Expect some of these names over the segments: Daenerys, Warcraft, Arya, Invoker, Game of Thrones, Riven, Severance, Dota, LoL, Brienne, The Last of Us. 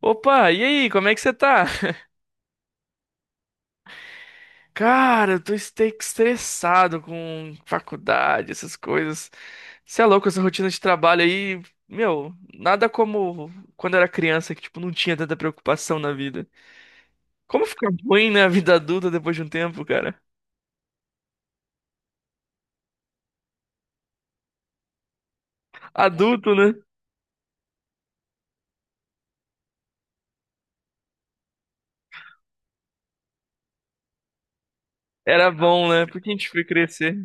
Opa, e aí, como é que você tá? Cara, eu tô estressado com faculdade, essas coisas. Você é louco, essa rotina de trabalho aí, meu, nada como quando eu era criança, que tipo, não tinha tanta preocupação na vida. Como fica ruim, né, a vida adulta depois de um tempo, cara? Adulto, né? Era bom, né? Por que a gente foi crescer?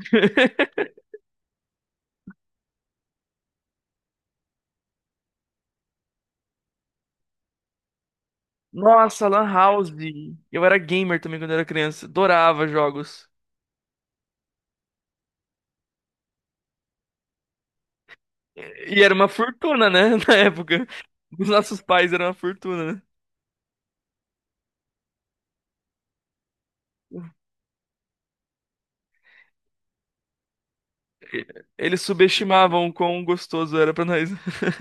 Nossa, Lan House. Eu era gamer também quando eu era criança. Adorava jogos. E era uma fortuna, né? Na época. Os nossos pais eram uma fortuna, né? Eles subestimavam o quão gostoso era pra nós.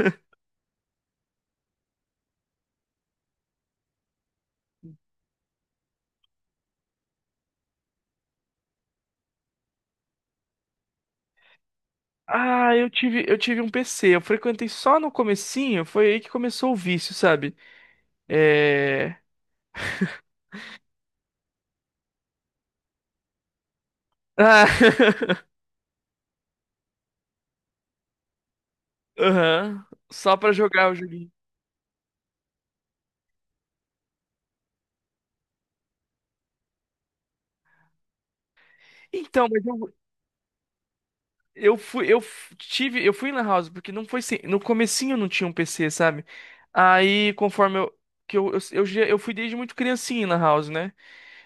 Ah, eu tive um PC. Eu frequentei só no comecinho. Foi aí que começou o vício, sabe? É... Ah. Aham. Só pra jogar o joguinho. Então, mas eu fui, eu f- tive, eu fui na house porque não foi sem, no comecinho não tinha um PC, sabe? Aí, conforme eu que eu, já- eu fui desde muito criancinha na house, né?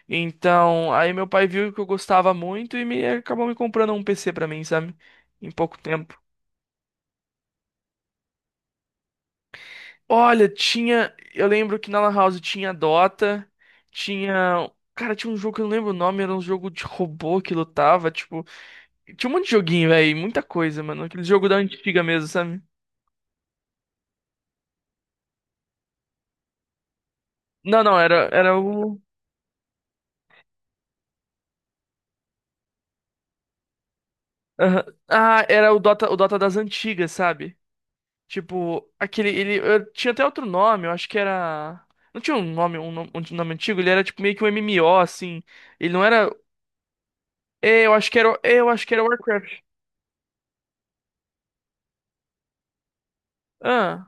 Então, aí meu pai viu que eu gostava muito e me acabou me comprando um PC pra mim, sabe? Em pouco tempo. Olha, tinha, eu lembro que na Lan House tinha Dota, tinha, cara, tinha um jogo que eu não lembro o nome, era um jogo de robô que lutava, tipo, tinha um monte de joguinho, velho, muita coisa, mano, aquele jogo da antiga mesmo, sabe? Não, não, era o aham. Ah, era o Dota das antigas, sabe? Tipo, tinha até outro nome, eu acho que era, não tinha um nome, um nome antigo, ele era tipo meio que um MMO, assim, ele não era, é, eu acho que era Warcraft, ah,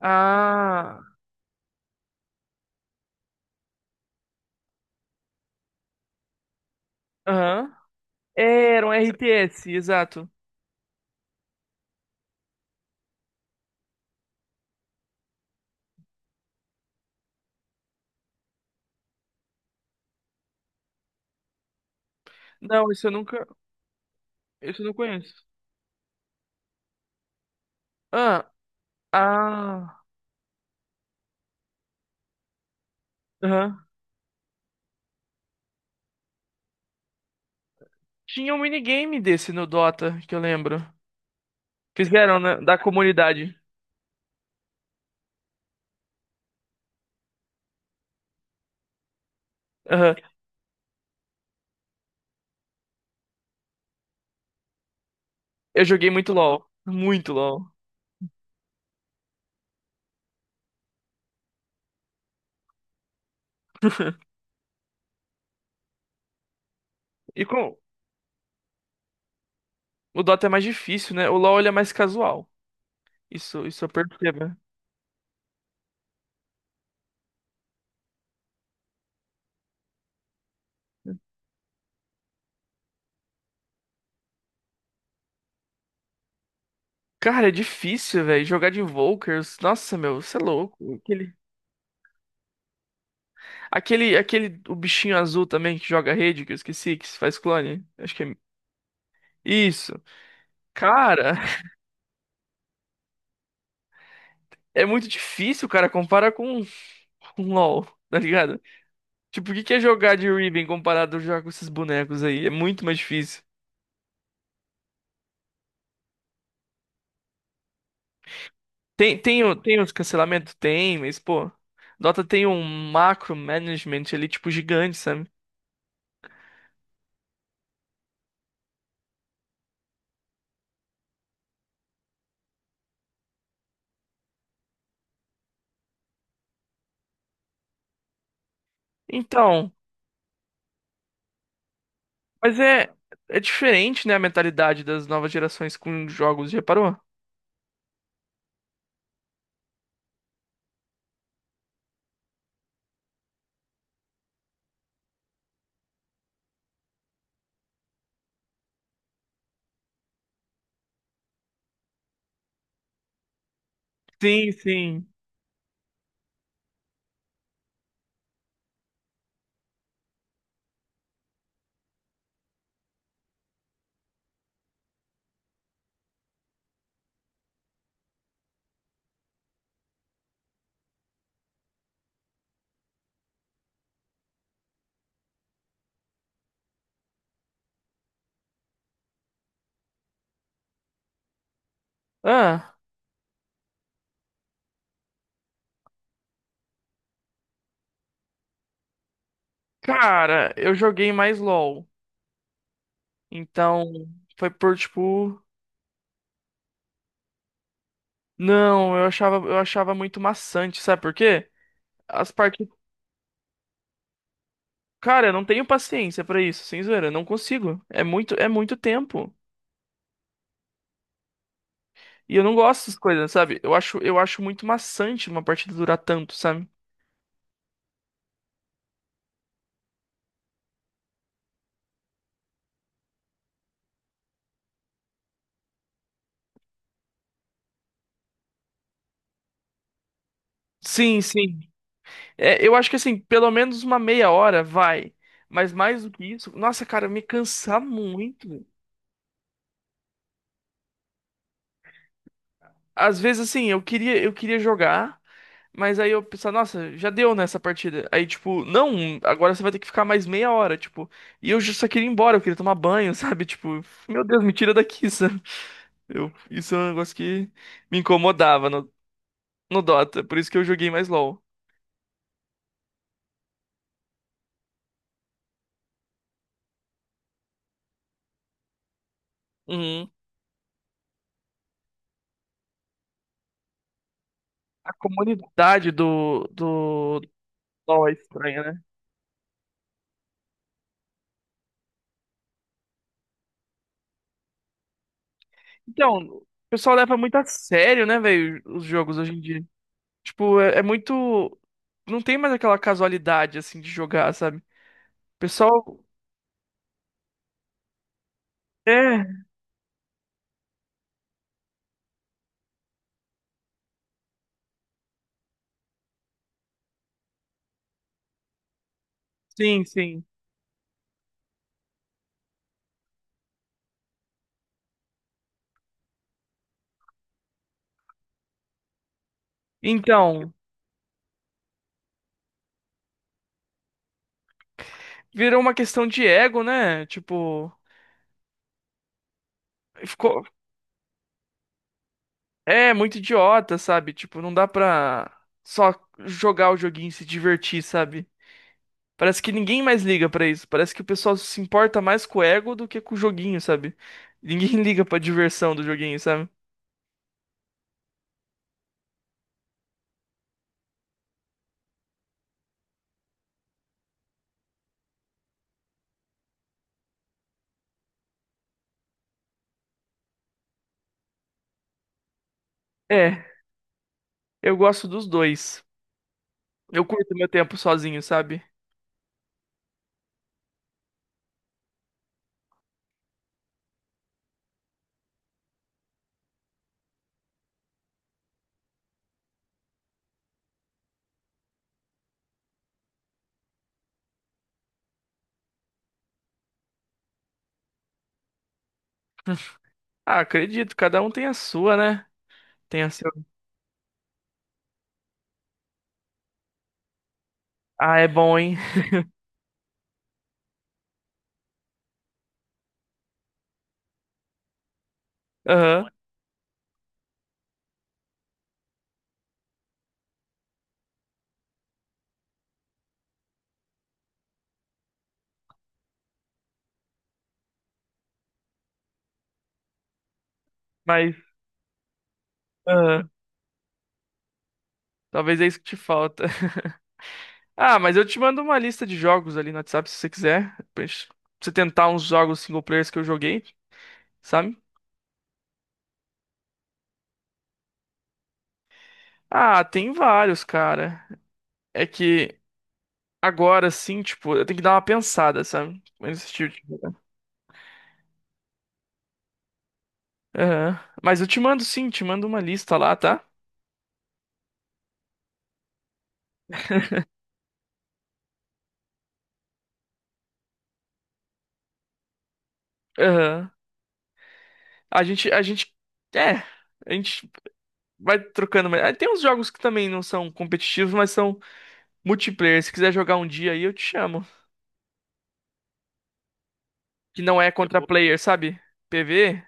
ah, aham. É, era um RTS, exato, não, isso eu nunca, isso eu não conheço, ah, ah, aham. Tinha um minigame desse no Dota, que eu lembro, fizeram, né, da comunidade, aham. Eu joguei muito LoL, e com o Dota é mais difícil, né? O LoL ele é mais casual. Isso eu percebo, né? Cara, é difícil, velho. Jogar de Invokers. Nossa, meu, você é louco. O bichinho azul também que joga rede, que eu esqueci, que faz clone. Acho que é. Isso. Cara, é muito difícil, cara, comparar com LoL, tá ligado? Tipo, o que que é jogar de Riven comparado a jogar com esses bonecos aí? É muito mais difícil. Tem os cancelamentos? Tem, mas, pô. Dota tem um macro management ali, tipo, gigante, sabe? Então, mas é, é diferente, né, a mentalidade das novas gerações com jogos, já reparou? Sim, sim. Ah, cara, eu joguei mais LoL. Então, foi por tipo, não, eu achava muito maçante, sabe por quê? As partidas, cara, eu não tenho paciência pra isso, sem zoeira, eu não consigo. É muito tempo. E eu não gosto dessas coisas, sabe? Eu acho muito maçante uma partida durar tanto, sabe? Sim, sim. É, eu acho que assim, pelo menos uma meia hora vai. Mas mais do que isso, nossa, cara, me cansar muito. Às vezes, assim, eu queria jogar, mas aí eu pensava, nossa, já deu nessa partida. Aí, tipo, não, agora você vai ter que ficar mais meia hora, tipo. E eu só queria ir embora, eu queria tomar banho, sabe? Tipo, meu Deus, me tira daqui, sabe? Eu, isso é um negócio que me incomodava no Dota, por isso que eu joguei mais LoL. Uhum. A comunidade do LoL é estranha, né? Então, o pessoal leva muito a sério, né, velho, os jogos hoje em dia. Tipo, é, é muito. Não tem mais aquela casualidade, assim, de jogar, sabe? O pessoal. É, sim, sim. Então, virou uma questão de ego, né? Tipo, ficou. É, muito idiota, sabe? Tipo, não dá pra só jogar o joguinho e se divertir, sabe? Parece que ninguém mais liga pra isso. Parece que o pessoal se importa mais com o ego do que com o joguinho, sabe? Ninguém liga pra diversão do joguinho, sabe? É. Eu gosto dos dois. Eu curto meu tempo sozinho, sabe? Ah, acredito, cada um tem a sua, né? Tem a seu. Ah, é bom, hein? Aham, mas. Aham, talvez é isso que te falta. Ah, mas eu te mando uma lista de jogos ali no WhatsApp se você quiser. Pra gente- pra você tentar uns jogos single players que eu joguei, sabe? Ah, tem vários, cara. É que agora sim, tipo, eu tenho que dar uma pensada, sabe? Nesse tipo de- Aham. Mas eu te mando sim, te mando uma lista lá, tá? Aham. A gente, a gente, é, a gente vai trocando. Mas ah, tem uns jogos que também não são competitivos, mas são multiplayer. Se quiser jogar um dia aí, eu te chamo. Que não é contra player, sabe? PV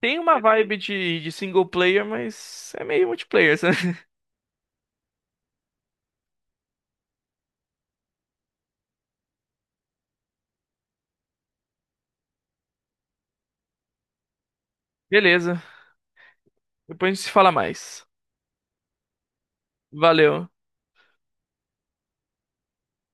tem uma vibe de single player, mas é meio multiplayer, sabe? Beleza. Depois a gente se fala mais. Valeu.